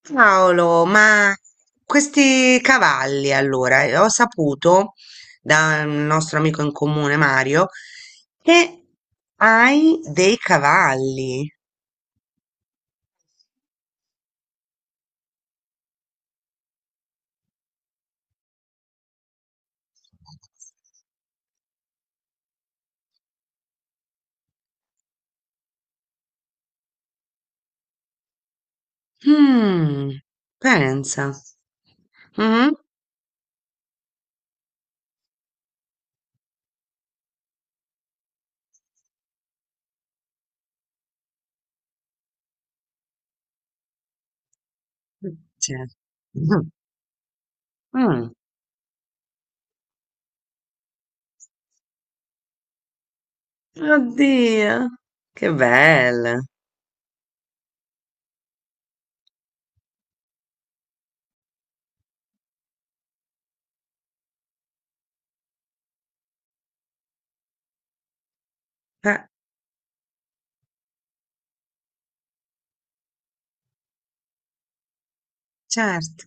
Paolo, ma questi cavalli allora, ho saputo da un nostro amico in comune, Mario, che hai dei cavalli. Mm, pensa. Mhm. Cioè, mhm, mm, Oddio, che bello. Eh, certo,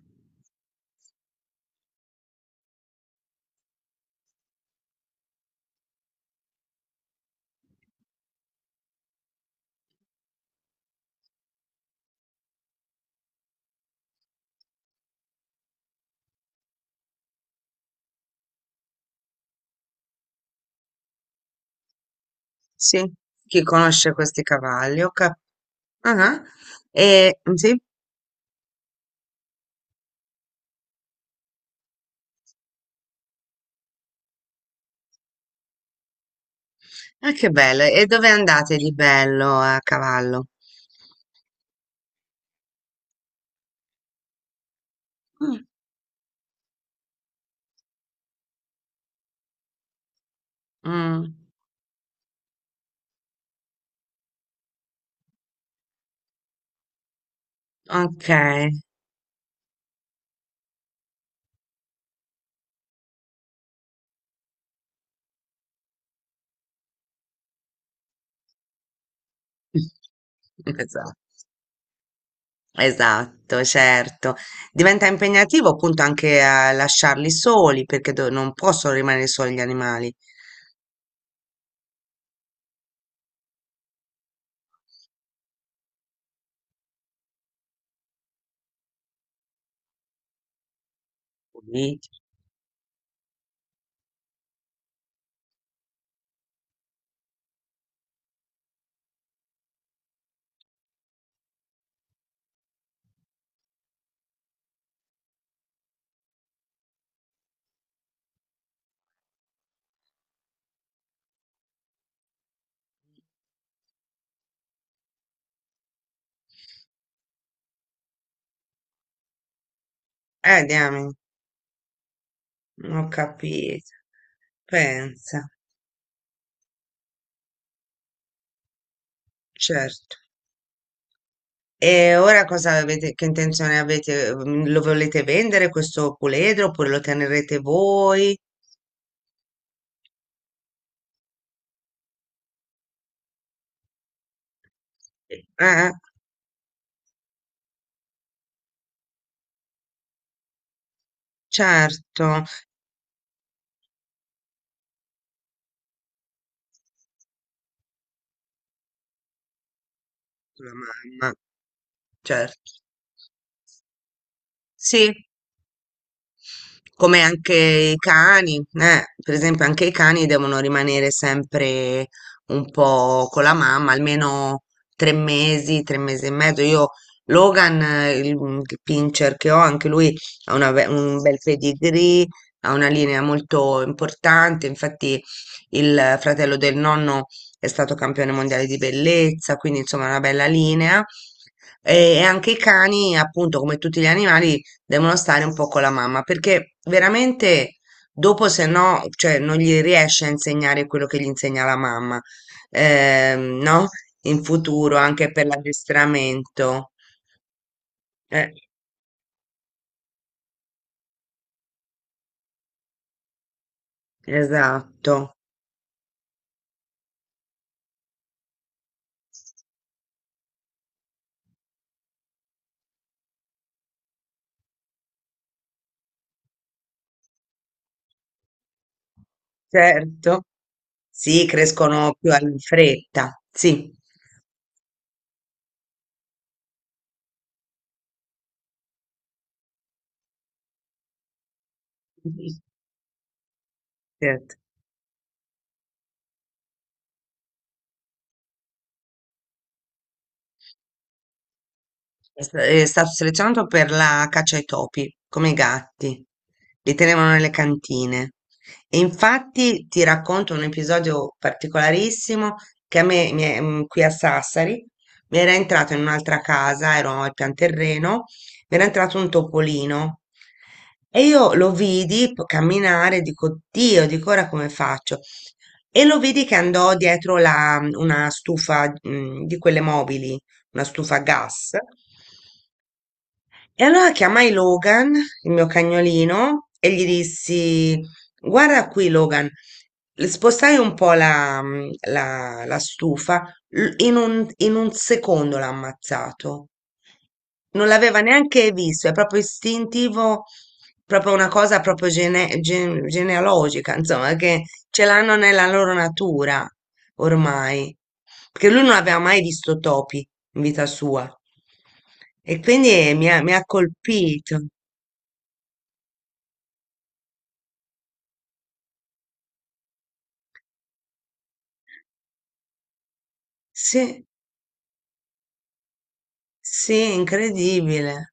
sì. Chi conosce questi cavalli? Ah, ah. E, sì? Ah, che bello. E dove andate di bello a cavallo? Mm. Mm, ok. Esatto. Esatto, certo. Diventa impegnativo appunto anche a lasciarli soli perché non possono rimanere soli gli animali. Sì. Diamine, non ho capito. Pensa, certo. E ora cosa avete, che intenzione avete? Lo volete vendere questo puledro oppure lo tenerete voi? Eh? Eh. Certo, con la mamma, certo. Sì. Come anche i cani, per esempio anche i cani devono rimanere sempre un po' con la mamma, almeno 3 mesi, 3 mesi e mezzo. Io, Logan, il pincher che ho, anche lui ha un bel pedigree, ha una linea molto importante, infatti il fratello del nonno è stato campione mondiale di bellezza, quindi insomma una bella linea. E anche i cani, appunto, come tutti gli animali, devono stare un po' con la mamma perché veramente dopo se no, cioè non gli riesce a insegnare quello che gli insegna la mamma, no? In futuro anche per l'addestramento. Eh, esatto, certo. Sì, crescono più in fretta. Sì, certo. È stato selezionato per la caccia ai topi, come i gatti. Li tenevano nelle cantine. E infatti ti racconto un episodio particolarissimo che a me, qui a Sassari, mi era entrato in un'altra casa, ero al pian terreno, mi era entrato un topolino. E io lo vidi camminare, dico, Dio, dico ora come faccio? E lo vidi che andò dietro una stufa, di quelle mobili, una stufa a gas. E allora chiamai Logan, il mio cagnolino, e gli dissi: Guarda qui, Logan, spostai un po' la stufa, in un secondo l'ha ammazzato. Non l'aveva neanche visto, è proprio istintivo, proprio una cosa proprio genealogica, insomma, che ce l'hanno nella loro natura ormai. Perché lui non aveva mai visto topi, in vita sua. E quindi mi ha colpito. Sì, sì, incredibile.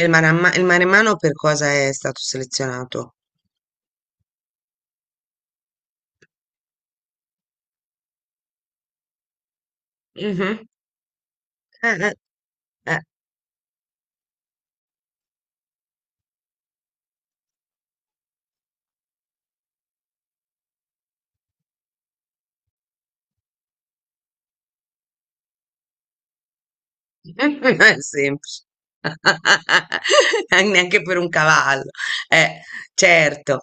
E il Maremmano per cosa è stato selezionato? Mhm. Eh, eh, eh. Non è semplice. Neanche per un cavallo. Eh, certo,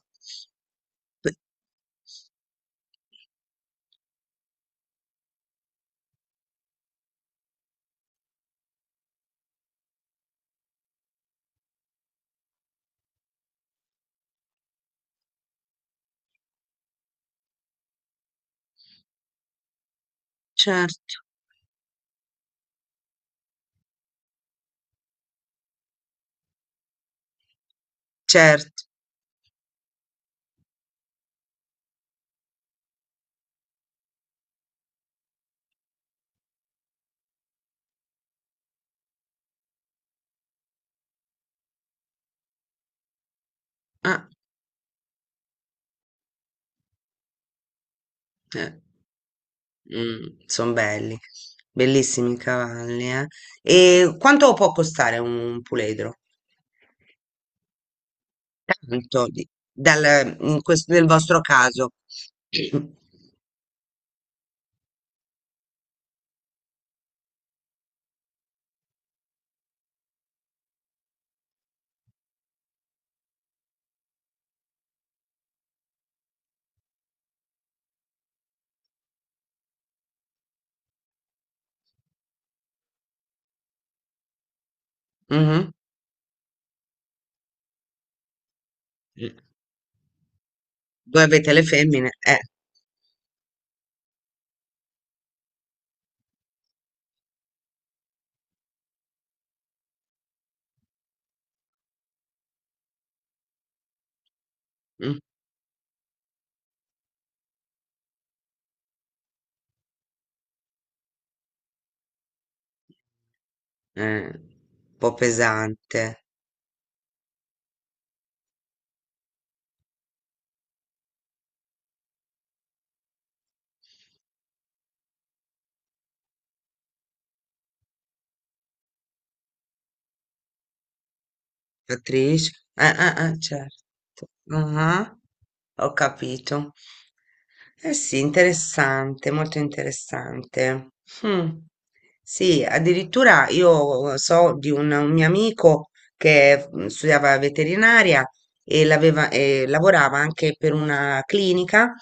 certo, certo. Ah, sono belli, bellissimi i cavalli, eh. E quanto può costare un puledro? Appunto, dal, nel vostro caso. Mhm. Voi avete le femmine, mm, eh, un po' pesante. Attrice? Certo. Ah, ho capito. Eh sì, interessante, molto interessante. Hmm. Sì, addirittura io so di un mio amico che studiava veterinaria e, e lavorava anche per una clinica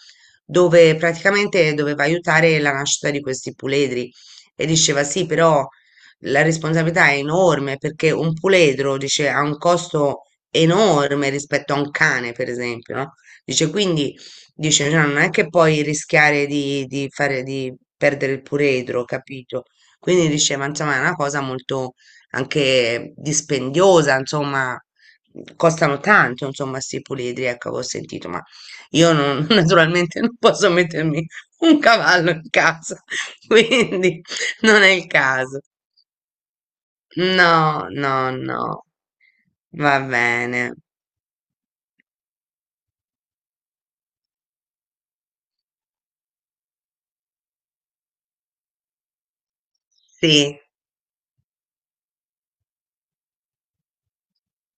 dove praticamente doveva aiutare la nascita di questi puledri e diceva sì, però la responsabilità è enorme perché un puledro, dice, ha un costo enorme rispetto a un cane, per esempio, no? Dice, quindi, dice, "no, non è che puoi rischiare di fare, di perdere il puledro, capito? Quindi diceva, insomma, è una cosa molto anche dispendiosa, insomma, costano tanto, insomma, sti puledri, ecco, avevo sentito, ma io non, naturalmente non posso mettermi un cavallo in casa, quindi non è il caso. No, no, no. Va bene. Sì.